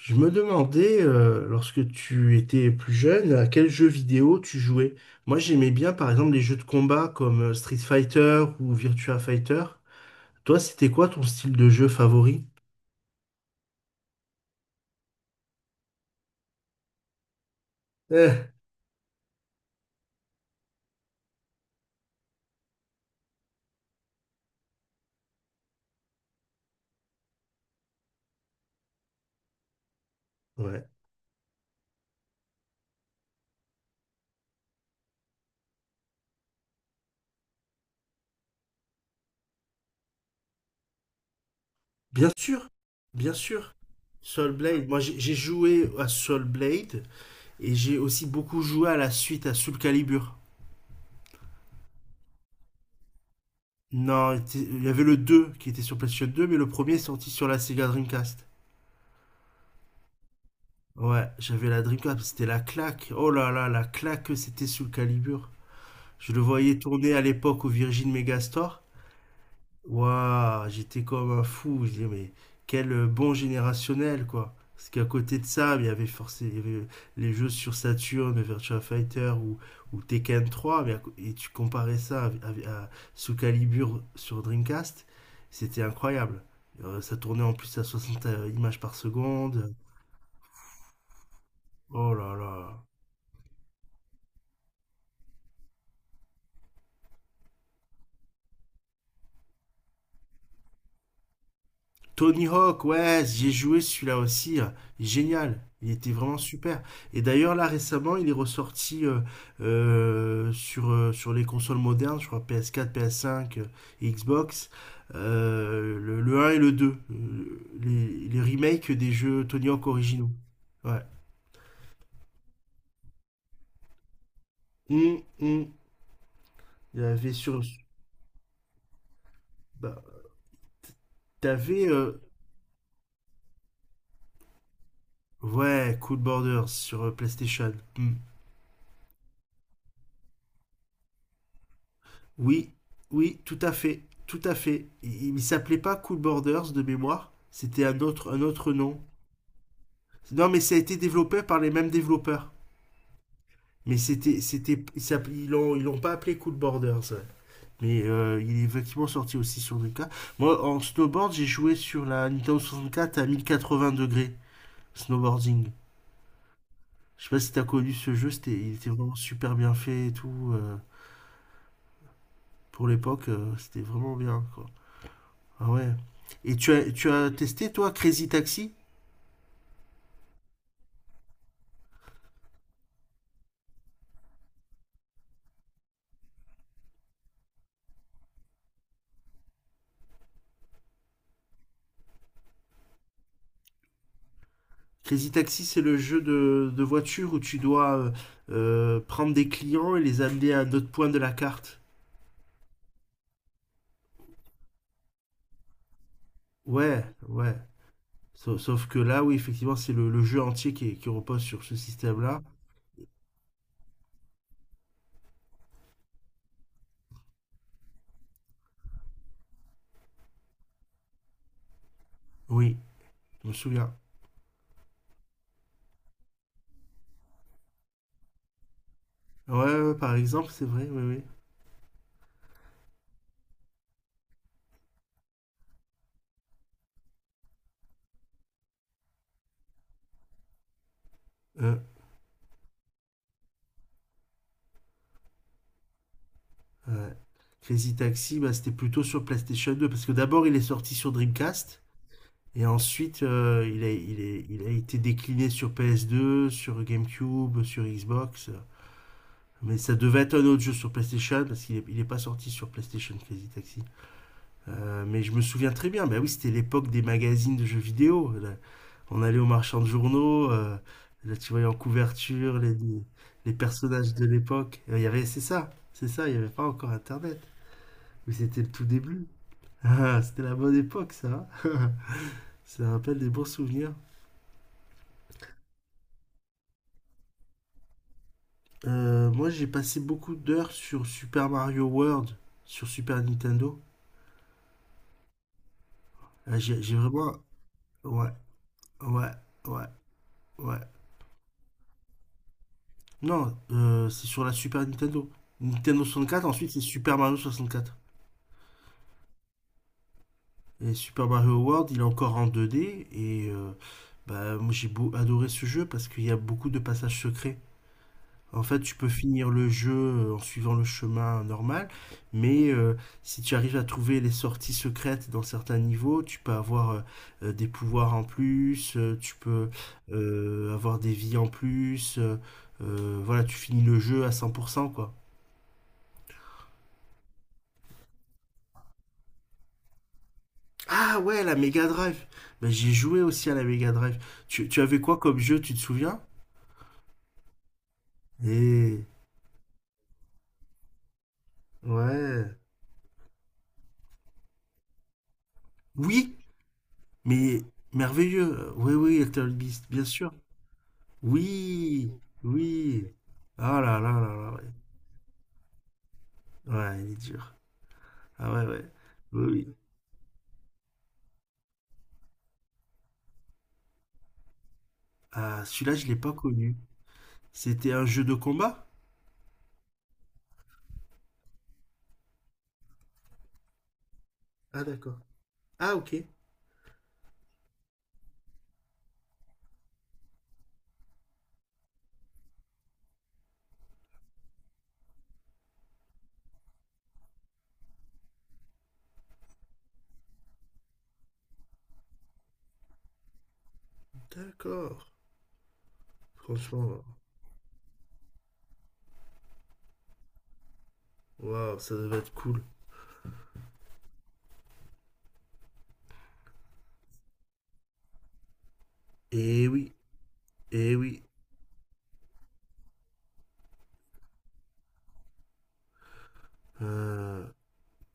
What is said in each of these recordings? Je me demandais, lorsque tu étais plus jeune, à quels jeux vidéo tu jouais. Moi, j'aimais bien, par exemple, les jeux de combat comme Street Fighter ou Virtua Fighter. Toi, c'était quoi ton style de jeu favori? Euh, ouais. Bien sûr, bien sûr. Soul Blade. Moi, j'ai joué à Soul Blade et j'ai aussi beaucoup joué à la suite à Soul Calibur. Non, il y avait le 2 qui était sur PlayStation 2, mais le premier est sorti sur la Sega Dreamcast. Ouais, j'avais la Dreamcast, c'était la claque. Oh là là, la claque que c'était sous le Calibur. Je le voyais tourner à l'époque au Virgin Megastore. Waouh, j'étais comme un fou. Je disais, mais quel bon générationnel, quoi. Parce qu'à côté de ça, il y avait forcément les jeux sur Saturn, Virtua Fighter ou Tekken 3. Et tu comparais ça à sous Calibur sur Dreamcast, c'était incroyable. Ça tournait en plus à 60 images par seconde. Oh là là. Tony Hawk, ouais, j'ai joué celui-là aussi. Génial. Il était vraiment super. Et d'ailleurs, là, récemment, il est ressorti sur les consoles modernes, je crois PS4, PS5, et Xbox, le 1 et le 2 les remakes des jeux Tony Hawk originaux. Ouais. Hum, hum. Il y avait sur... Bah, t'avais... ouais, Cool Borders sur PlayStation. Hum. Oui, oui, tout à fait, tout à fait. Il s'appelait pas Cool Borders de mémoire. C'était un autre nom. Non, mais ça a été développé par les mêmes développeurs. Mais c'était, c'était, ils s'appelaient- ils l'ont pas appelé Cool Borders. Ouais. Mais il est effectivement sorti aussi sur Dreamcast. Moi, en snowboard, j'ai joué sur la Nintendo 64 à 1080 degrés snowboarding. Je sais pas si t'as connu ce jeu, il était vraiment super bien fait et tout. Pour l'époque, c'était vraiment bien, quoi. Ah ouais. Et tu as testé, toi, Crazy Taxi? Crazy Taxi, c'est le jeu de voiture où tu dois prendre des clients et les amener à un autre point de la carte. Ouais, ouais. Sauf que là, oui, effectivement, c'est le jeu entier qui repose sur ce système-là. Oui, je me souviens. Ouais, ouais, par exemple, c'est vrai, oui, oui. Euh, ouais. Crazy Taxi, bah, c'était plutôt sur PlayStation 2, parce que d'abord, il est sorti sur Dreamcast. Et ensuite, il a été décliné sur PS2, sur GameCube, sur Xbox. Mais ça devait être un autre jeu sur PlayStation, parce qu'il n'est il est pas sorti sur PlayStation Crazy Taxi. Mais je me souviens très bien, bah oui, c'était l'époque des magazines de jeux vidéo. Là, on allait aux marchands de journaux, là tu voyais en couverture les personnages de l'époque. Il y avait, c'est ça, il n'y avait pas encore Internet. Mais c'était le tout début. Ah, c'était la bonne époque, ça. hein. Ça rappelle des bons souvenirs. Moi, j'ai passé beaucoup d'heures sur Super Mario World, sur Super Nintendo. J'ai vraiment... Ouais, ouais, ouais, ouais. Non, c'est sur la Super Nintendo. Nintendo 64, ensuite c'est Super Mario 64. Et Super Mario World, il est encore en 2D. Et bah, moi, adoré ce jeu parce qu'il y a beaucoup de passages secrets. En fait, tu peux finir le jeu en suivant le chemin normal, mais si tu arrives à trouver les sorties secrètes dans certains niveaux, tu peux avoir des pouvoirs en plus, tu peux avoir des vies en plus. Voilà, tu finis le jeu à 100%, quoi. Ah ouais, la Mega Drive. Ben, j'ai joué aussi à la Mega Drive. Tu avais quoi comme jeu, tu te souviens? Eh, ouais. Oui, mais merveilleux. Oui, oui, Little Beast, bien sûr. Oui, oui. Ah là là là là. Ouais, ouais, il est dur. Ah ouais, ouais. Oui, oui. Ah, celui-là, je l'ai pas connu. C'était un jeu de combat? Ah d'accord. Ah ok. D'accord. Franchement, waouh, ça devait être cool. Eh oui, eh oui. Euh,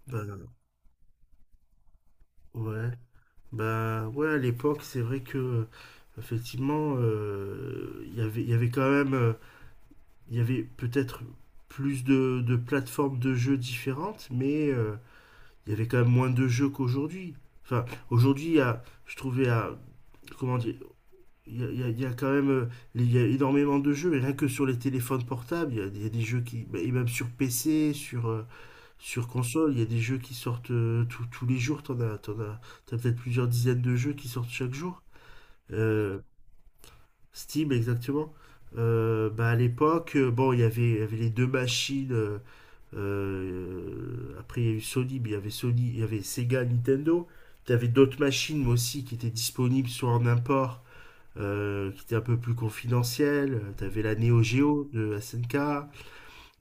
ben ouais. Ben ouais, à l'époque, c'est vrai que effectivement, il y avait quand même, il y avait peut-être plus de plateformes de jeux différentes, mais il y avait quand même moins de jeux qu'aujourd'hui. Enfin, aujourd'hui, je trouvais à. Comment dire, il y a quand même il y a énormément de jeux, mais rien que sur les téléphones portables, il y a des jeux qui. Et même sur PC, sur console, il y a des jeux qui sortent tous les jours. T'as peut-être plusieurs dizaines de jeux qui sortent chaque jour. Euh, Steam, exactement. Bah, à l'époque, bon, il y avait les deux machines. Après, il y a eu Sony, mais il y avait Sony, il y avait Sega, Nintendo. Tu avais d'autres machines aussi qui étaient disponibles soit en import, qui étaient un peu plus confidentielles. Tu avais la Neo Geo de SNK.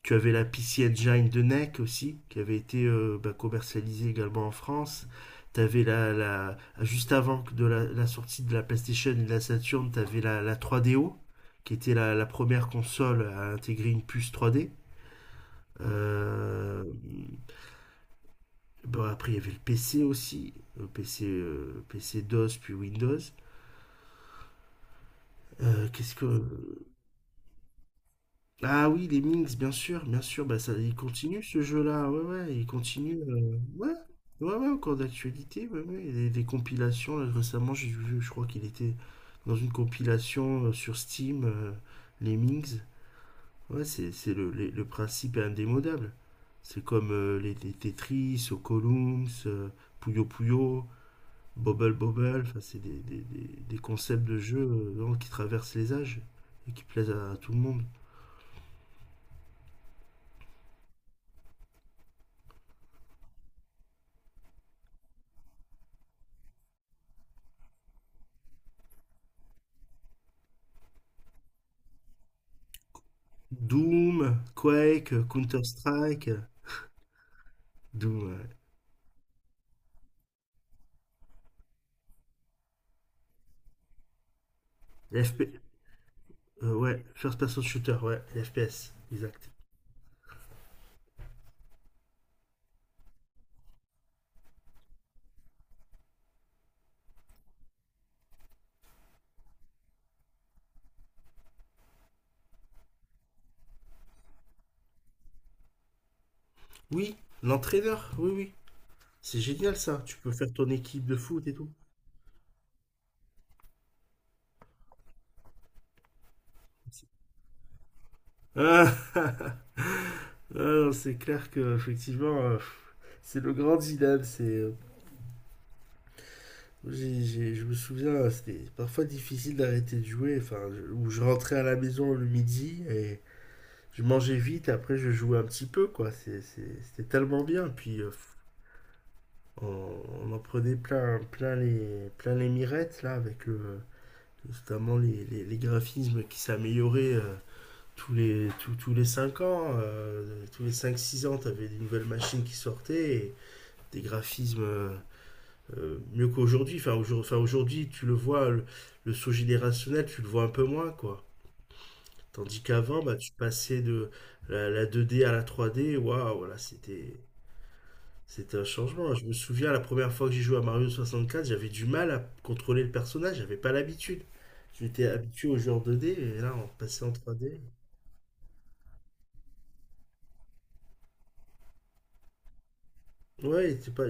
Tu avais la PC Engine de NEC aussi, qui avait été bah, commercialisée également en France. Tu avais juste avant de la sortie de la PlayStation et de la Saturn, tu avais la 3DO, qui était la première console à intégrer une puce 3D. Euh, Bon, après, il y avait le PC aussi. Le PC, PC DOS, puis Windows. Qu'est-ce que. Ah oui, les Minx, bien sûr, bien sûr. Bah, ça, il continue ce jeu-là. Ouais, ouais, il continue. Ouais, ouais, ouais, encore d'actualité. Ouais, ouais. Et les compilations, là, récemment, j'ai vu, je crois qu'il était dans une compilation sur Steam, les Minx. Ouais, c'est le principe est indémodable. C'est comme les Tetris, Ocoloums, Puyo Puyo. Bobble Bobble, enfin, c'est des concepts de jeu vraiment qui traversent les âges et qui plaisent à tout le monde. Doom, Quake, Counter-Strike, Doom, ouais. Les FP... ouais, First Person Shooter, ouais, les FPS, exact. Oui, l'entraîneur, oui, oui. C'est génial ça, tu peux faire ton équipe de foot et tout. Ah, ah non, c'est clair que effectivement, c'est le grand dilemme. Je me souviens, c'était parfois difficile d'arrêter de jouer. Enfin, où je rentrais à la maison le midi et je mangeais vite. Après, je jouais un petit peu, quoi. C'était tellement bien. Puis on en prenait plein, plein les mirettes là, avec notamment les graphismes qui s'amélioraient tous les 5 ans. Tous les cinq six ans, t'avais des nouvelles machines qui sortaient. Et des graphismes mieux qu'aujourd'hui. Enfin, aujourd'hui, tu le vois, le saut générationnel, tu le vois un peu moins, quoi. Tandis qu'avant, bah, tu passais de la 2D à la 3D, waouh, voilà, c'était un changement. Je me souviens, la première fois que j'ai joué à Mario 64, j'avais du mal à contrôler le personnage, j'avais pas l'habitude. J'étais habitué au genre 2D, et là, on passait en 3D. Ouais, c'était pas...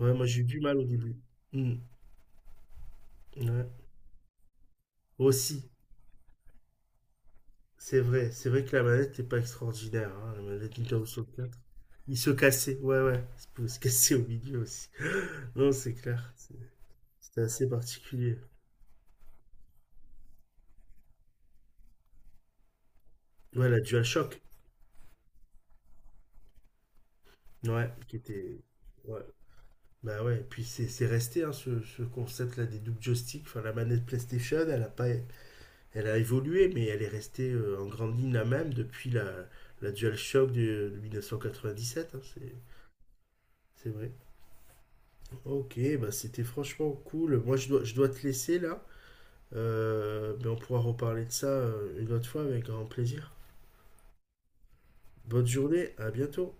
Ouais, moi j'ai eu du mal au début. Hmm, ouais. Aussi, c'est vrai que la manette n'est pas extraordinaire, hein, la manette Nintendo 64. Il se cassait, ouais, ouais. Il pouvait se casser au milieu aussi. Non, c'est clair. C'était assez particulier. Ouais, la DualShock. Ouais, qui était. Ouais. Bah ouais, et puis c'est resté hein, ce concept-là des double joysticks. Enfin, la manette PlayStation, elle a pas, elle a évolué, mais elle est restée en grande ligne la même depuis la DualShock de 1997. Hein, c'est vrai. Ok, bah c'était franchement cool. Moi, je dois te laisser là. Mais on pourra reparler de ça une autre fois avec grand plaisir. Bonne journée, à bientôt.